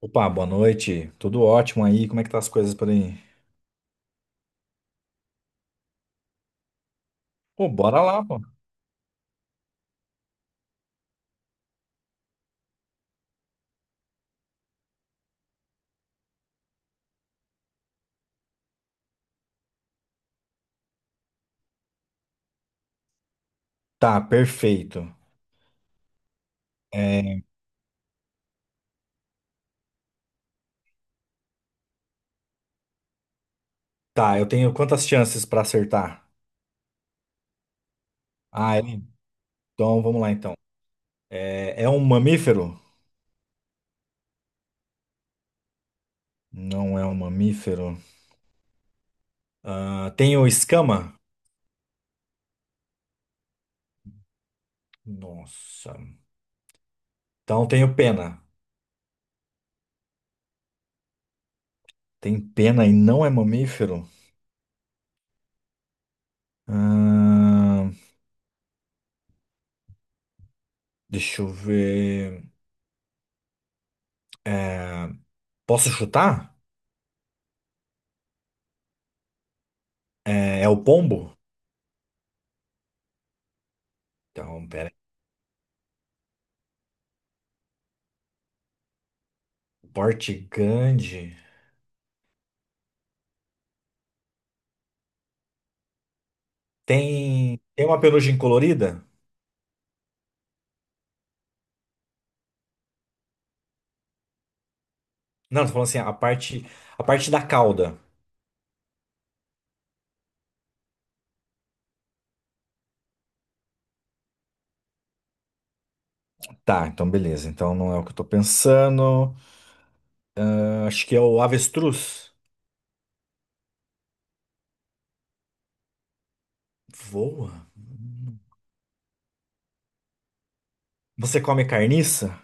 Opa, boa noite. Tudo ótimo aí? Como é que tá as coisas por aí? Pô, bora lá, pô. Tá, perfeito. É, tá, eu tenho quantas chances pra acertar? Ah, é? Então vamos lá então. É um mamífero? Não é um mamífero. Ah, tenho escama? Nossa. Então tenho pena. Tem pena e não é mamífero? Ah, deixa eu ver. É, posso chutar? É o pombo? Então, pera. Porte grande. Tem uma penugem colorida? Não, tô falando assim, a parte da cauda. Tá, então beleza. Então não é o que eu tô pensando. Ah, acho que é o avestruz. Voa? Você come carniça?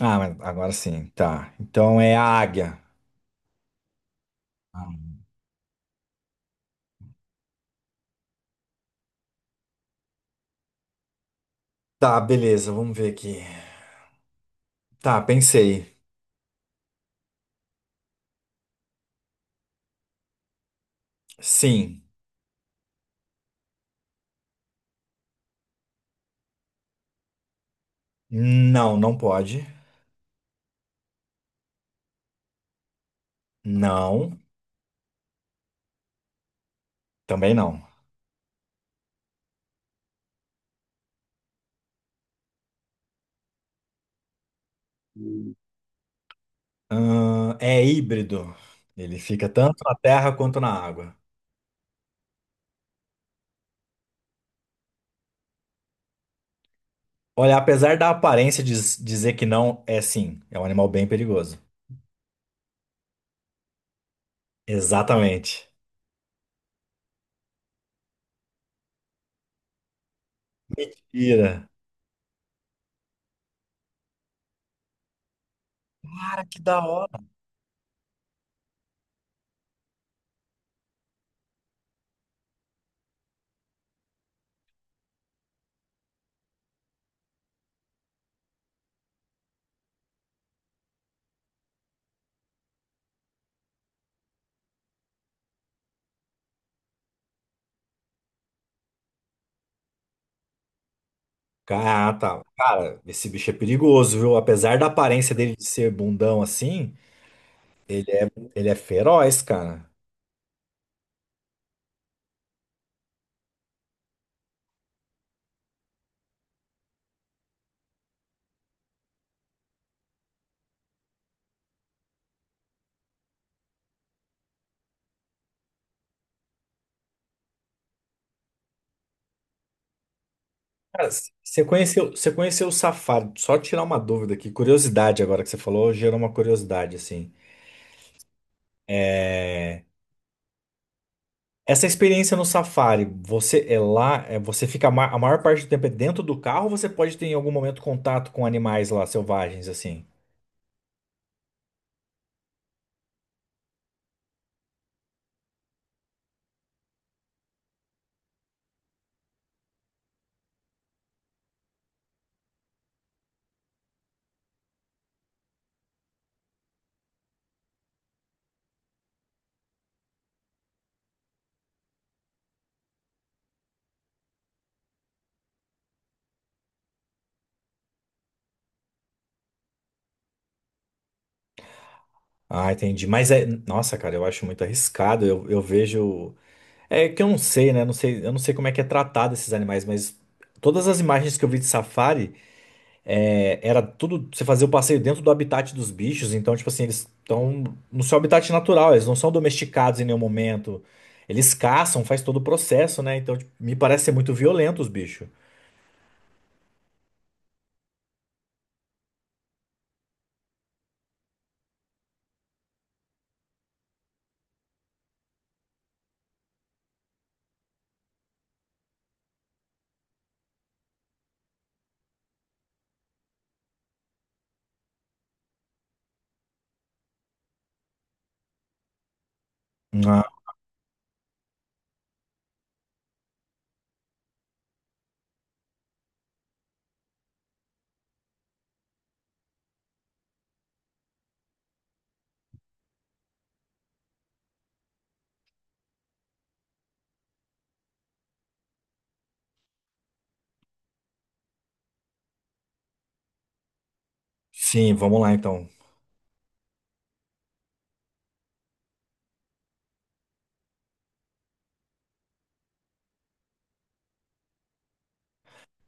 Ah, mas agora sim. Tá. Então é a águia. Ah, tá, beleza. Vamos ver aqui. Tá, pensei. Sim. Não, não pode. Não. Também não. É híbrido. Ele fica tanto na terra quanto na água. Olha, apesar da aparência dizer que não, é sim, é um animal bem perigoso. Exatamente. Mentira. Cara, que da hora. Ah, tá. Cara, esse bicho é perigoso, viu? Apesar da aparência dele de ser bundão assim, ele é feroz, cara. Cara, você conheceu o safari? Só tirar uma dúvida aqui, curiosidade agora que você falou, gerou uma curiosidade assim. É, Essa experiência no Safari, você é lá, você fica a maior parte do tempo é dentro do carro, ou você pode ter em algum momento contato com animais lá selvagens assim? Ah, entendi. Mas é, nossa, cara, eu acho muito arriscado. Eu vejo, é que eu não sei, né? Não sei, eu não sei como é que é tratado esses animais, mas todas as imagens que eu vi de Safari, é, era tudo. Você fazia o passeio dentro do habitat dos bichos, então, tipo assim, eles estão no seu habitat natural, eles não são domesticados em nenhum momento. Eles caçam, faz todo o processo, né? Então, tipo, me parece ser muito violento os bichos. Ah, sim, vamos lá então.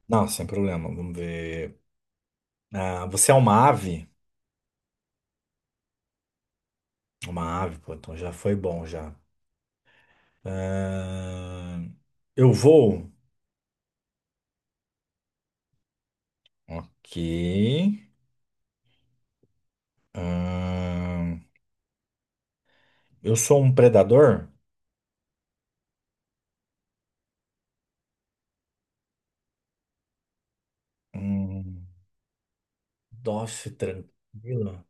Não, sem problema, vamos ver. Ah, você é uma ave? Uma ave, pô, então já foi bom já. Ah, eu vou. Ok. Ah, eu sou um predador? Hum. Nossa, tranquilo.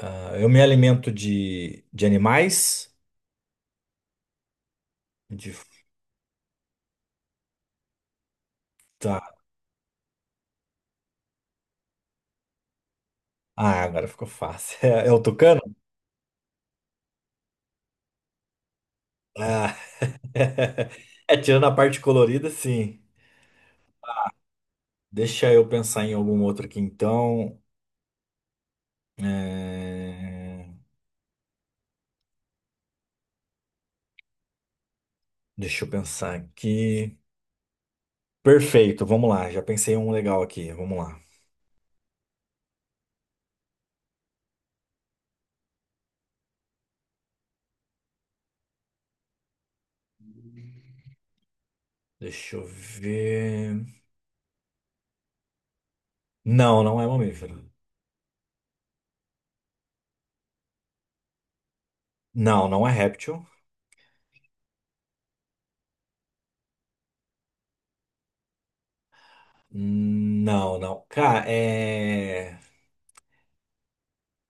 Ah, eu me alimento de animais. De, tá. Ah, agora ficou fácil. É o tucano? Ah. É, tirando a parte colorida, sim. Deixa eu pensar em algum outro aqui, então. É, deixa eu pensar aqui. Perfeito, vamos lá. Já pensei em um legal aqui. Vamos lá. Deixa eu ver. Não, não é mamífero. Não, não é réptil. Não, não. Cara, é.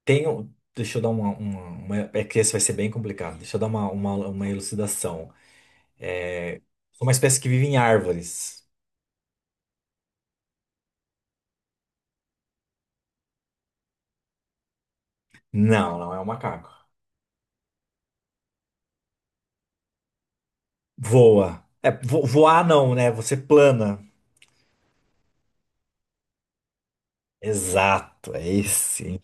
Deixa eu dar é que esse vai ser bem complicado. Deixa eu dar uma elucidação. É, sou uma espécie que vive em árvores. Não, não é um macaco. Voa. É, voar não, né? Você plana. Exato, é esse.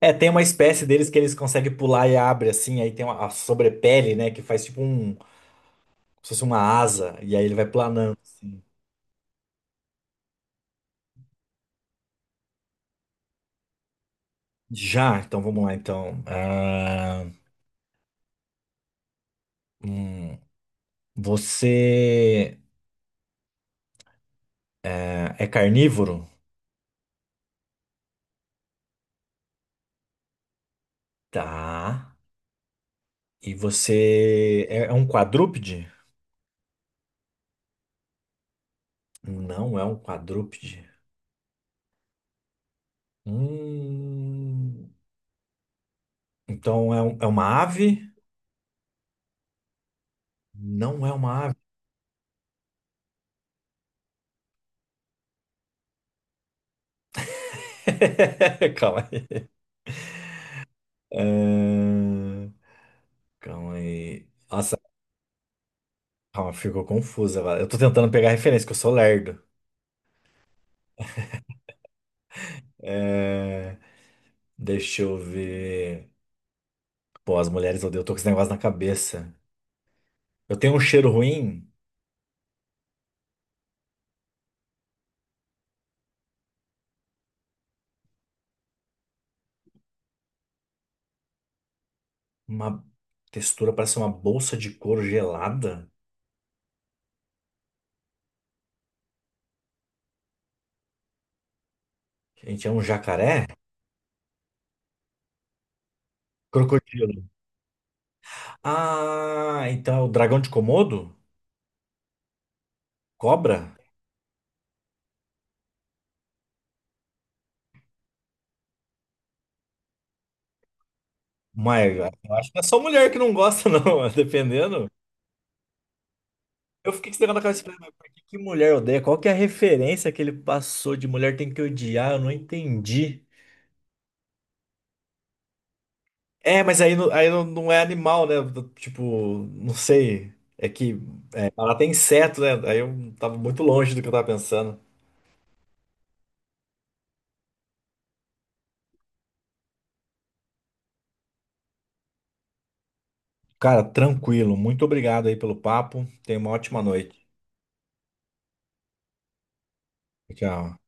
É, tem uma espécie deles que eles conseguem pular e abre assim, aí tem uma, a sobrepele, né, que faz tipo um, como se fosse uma asa, e aí ele vai planando assim. Já, então vamos lá então. Ah, hum, você é carnívoro? Tá. E você é um quadrúpede? Não é um quadrúpede. Hum, então é, é uma ave? Não é uma ave. Calma aí. Ahn, calma aí. Nossa, calma, ficou confusa agora. Eu tô tentando pegar referência, que eu sou lerdo. É, deixa eu ver. Pô, as mulheres odeiam, eu tô com esse negócio na cabeça. Eu tenho um cheiro ruim? Uma textura, parece uma bolsa de couro gelada. Gente, é um jacaré? Crocodilo. Ah, então é o dragão de Komodo? Cobra? Mas eu acho que é só mulher que não gosta, não, dependendo. Eu fiquei com esse negócio na cabeça, falei, mas por que que mulher odeia? Qual que é a referência que ele passou de mulher tem que odiar? Eu não entendi. É, mas aí, aí não, não é animal, né? Tipo, não sei. É que ela tem inseto, né? Aí eu tava muito longe do que eu tava pensando. Cara, tranquilo. Muito obrigado aí pelo papo. Tenha uma ótima noite. Tchau.